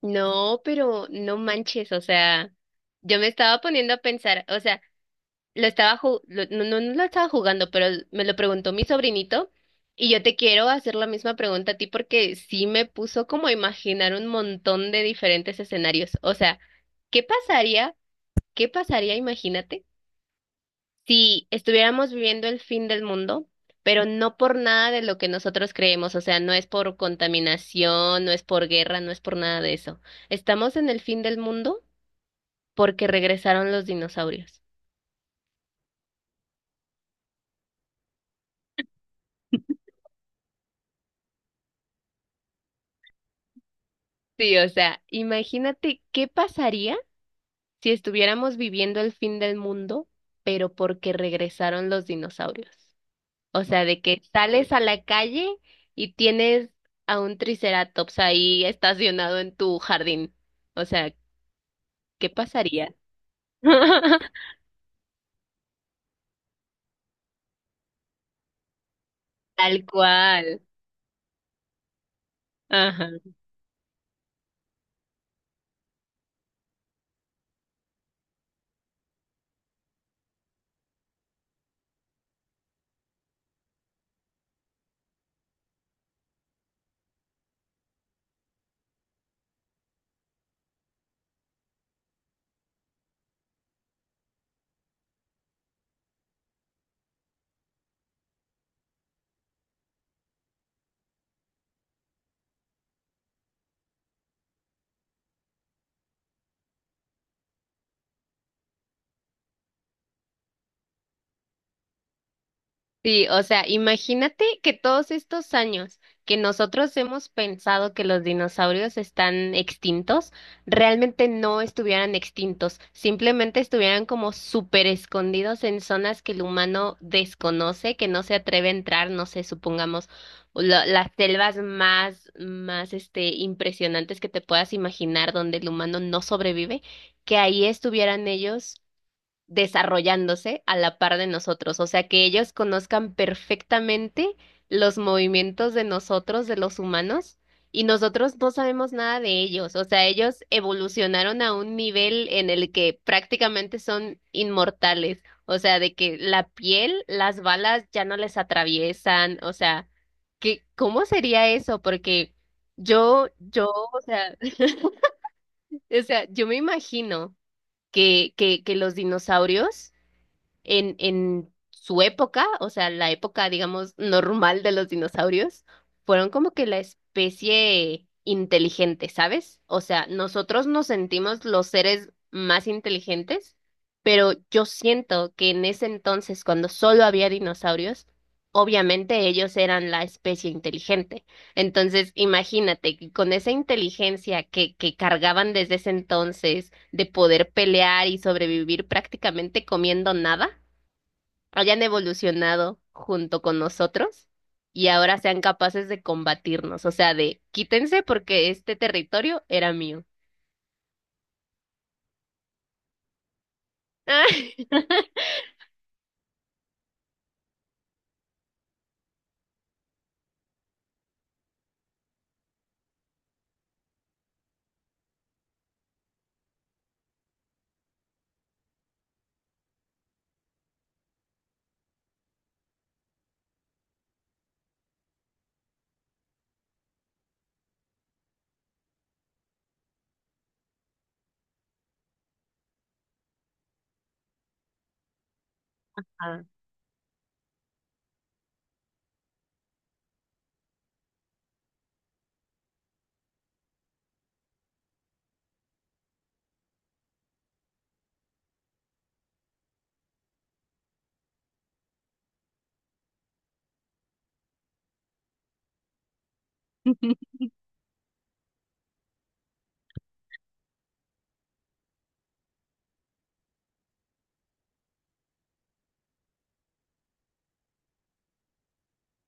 No, pero no manches, o sea, yo me estaba poniendo a pensar, o sea, lo estaba ju- lo- no, no, no lo estaba jugando, pero me lo preguntó mi sobrinito y yo te quiero hacer la misma pregunta a ti porque sí me puso como a imaginar un montón de diferentes escenarios, o sea, ¿qué pasaría? ¿Qué pasaría? Imagínate si estuviéramos viviendo el fin del mundo, pero no por nada de lo que nosotros creemos, o sea, no es por contaminación, no es por guerra, no es por nada de eso. Estamos en el fin del mundo porque regresaron los dinosaurios. Sí, o sea, imagínate qué pasaría si estuviéramos viviendo el fin del mundo, pero porque regresaron los dinosaurios. O sea, de que sales a la calle y tienes a un triceratops ahí estacionado en tu jardín. O sea, ¿qué pasaría? Tal cual. Ajá. Sí, o sea, imagínate que todos estos años que nosotros hemos pensado que los dinosaurios están extintos, realmente no estuvieran extintos, simplemente estuvieran como súper escondidos en zonas que el humano desconoce, que no se atreve a entrar, no sé, supongamos las selvas más, más, este, impresionantes que te puedas imaginar donde el humano no sobrevive, que ahí estuvieran ellos desarrollándose a la par de nosotros, o sea, que ellos conozcan perfectamente los movimientos de nosotros, de los humanos, y nosotros no sabemos nada de ellos, o sea, ellos evolucionaron a un nivel en el que prácticamente son inmortales, o sea, de que la piel, las balas ya no les atraviesan, o sea, que, ¿cómo sería eso? Porque yo, o sea, o sea, yo me imagino que los dinosaurios en su época, o sea, la época, digamos, normal de los dinosaurios, fueron como que la especie inteligente, ¿sabes? O sea, nosotros nos sentimos los seres más inteligentes, pero yo siento que en ese entonces, cuando solo había dinosaurios, obviamente ellos eran la especie inteligente. Entonces, imagínate que con esa inteligencia que cargaban desde ese entonces de poder pelear y sobrevivir prácticamente comiendo nada, hayan evolucionado junto con nosotros y ahora sean capaces de combatirnos, o sea, de quítense porque este territorio era mío. Ah,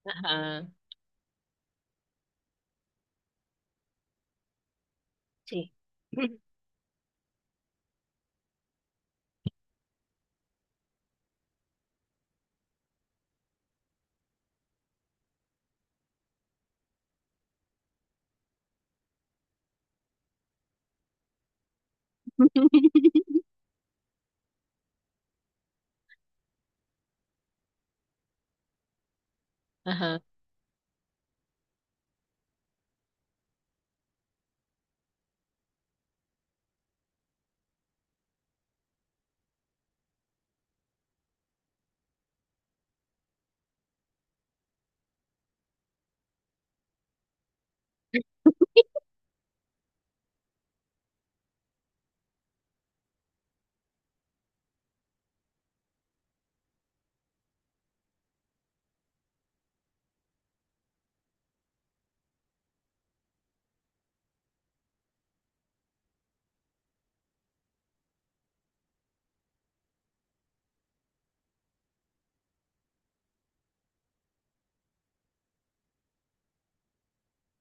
ajá, sí. Ajá.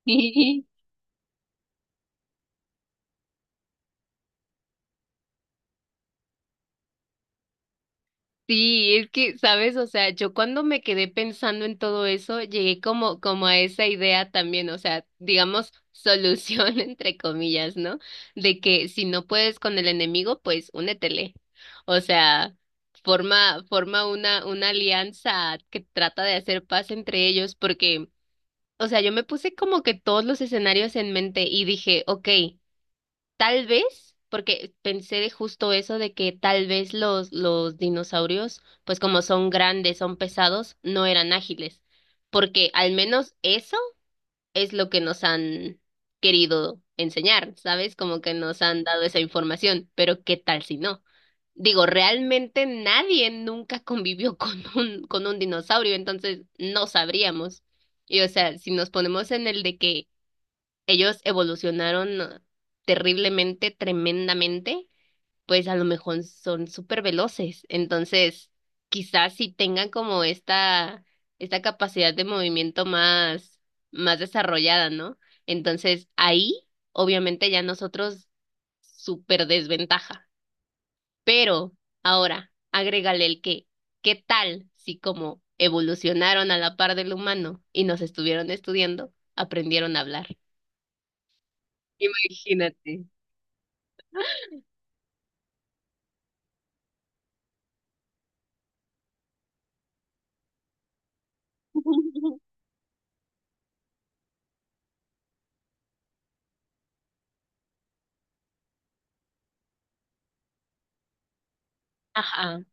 Sí, es que, ¿sabes? O sea, yo cuando me quedé pensando en todo eso, llegué como, como a esa idea también, o sea, digamos, solución entre comillas, ¿no? De que si no puedes con el enemigo, pues únetele. O sea, forma una alianza que trata de hacer paz entre ellos, porque, o sea, yo me puse como que todos los escenarios en mente y dije, ok. Tal vez, porque pensé de justo eso de que tal vez los dinosaurios, pues como son grandes, son pesados, no eran ágiles, porque al menos eso es lo que nos han querido enseñar, ¿sabes? Como que nos han dado esa información, pero ¿qué tal si no? Digo, realmente nadie nunca convivió con un dinosaurio, entonces no sabríamos. Y o sea, si nos ponemos en el de que ellos evolucionaron terriblemente, tremendamente, pues a lo mejor son súper veloces. Entonces, quizás si tengan como esta capacidad de movimiento más, más desarrollada, ¿no? Entonces, ahí, obviamente, ya nosotros súper desventaja. Pero ahora, agrégale el que, ¿qué tal si como evolucionaron a la par del humano y nos estuvieron estudiando, aprendieron a hablar? Imagínate. Ajá.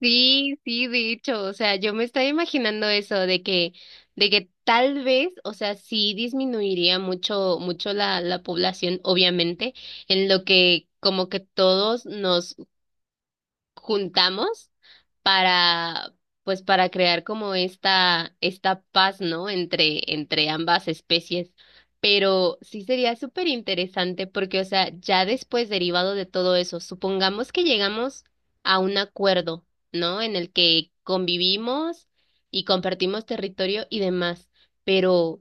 Sí, sí, de hecho, o sea, yo me estaba imaginando eso de que tal vez, o sea, sí disminuiría mucho, mucho la, la población, obviamente, en lo que como que todos nos juntamos para, pues, para crear como esta paz, ¿no? Entre, entre ambas especies. Pero sí sería súper interesante porque, o sea, ya después derivado de todo eso, supongamos que llegamos a un acuerdo, ¿no? En el que convivimos y compartimos territorio y demás. Pero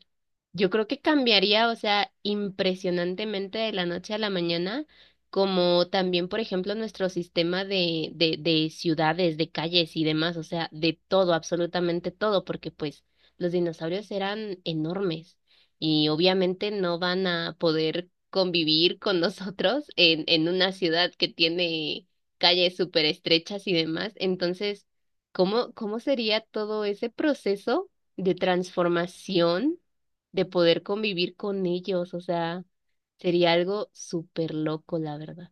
yo creo que cambiaría, o sea, impresionantemente de la noche a la mañana, como también, por ejemplo, nuestro sistema de ciudades, de calles y demás, o sea, de todo, absolutamente todo, porque pues los dinosaurios eran enormes y obviamente no van a poder convivir con nosotros en una ciudad que tiene calles súper estrechas y demás. Entonces, ¿cómo, cómo sería todo ese proceso de transformación? De poder convivir con ellos, o sea, sería algo súper loco, la verdad.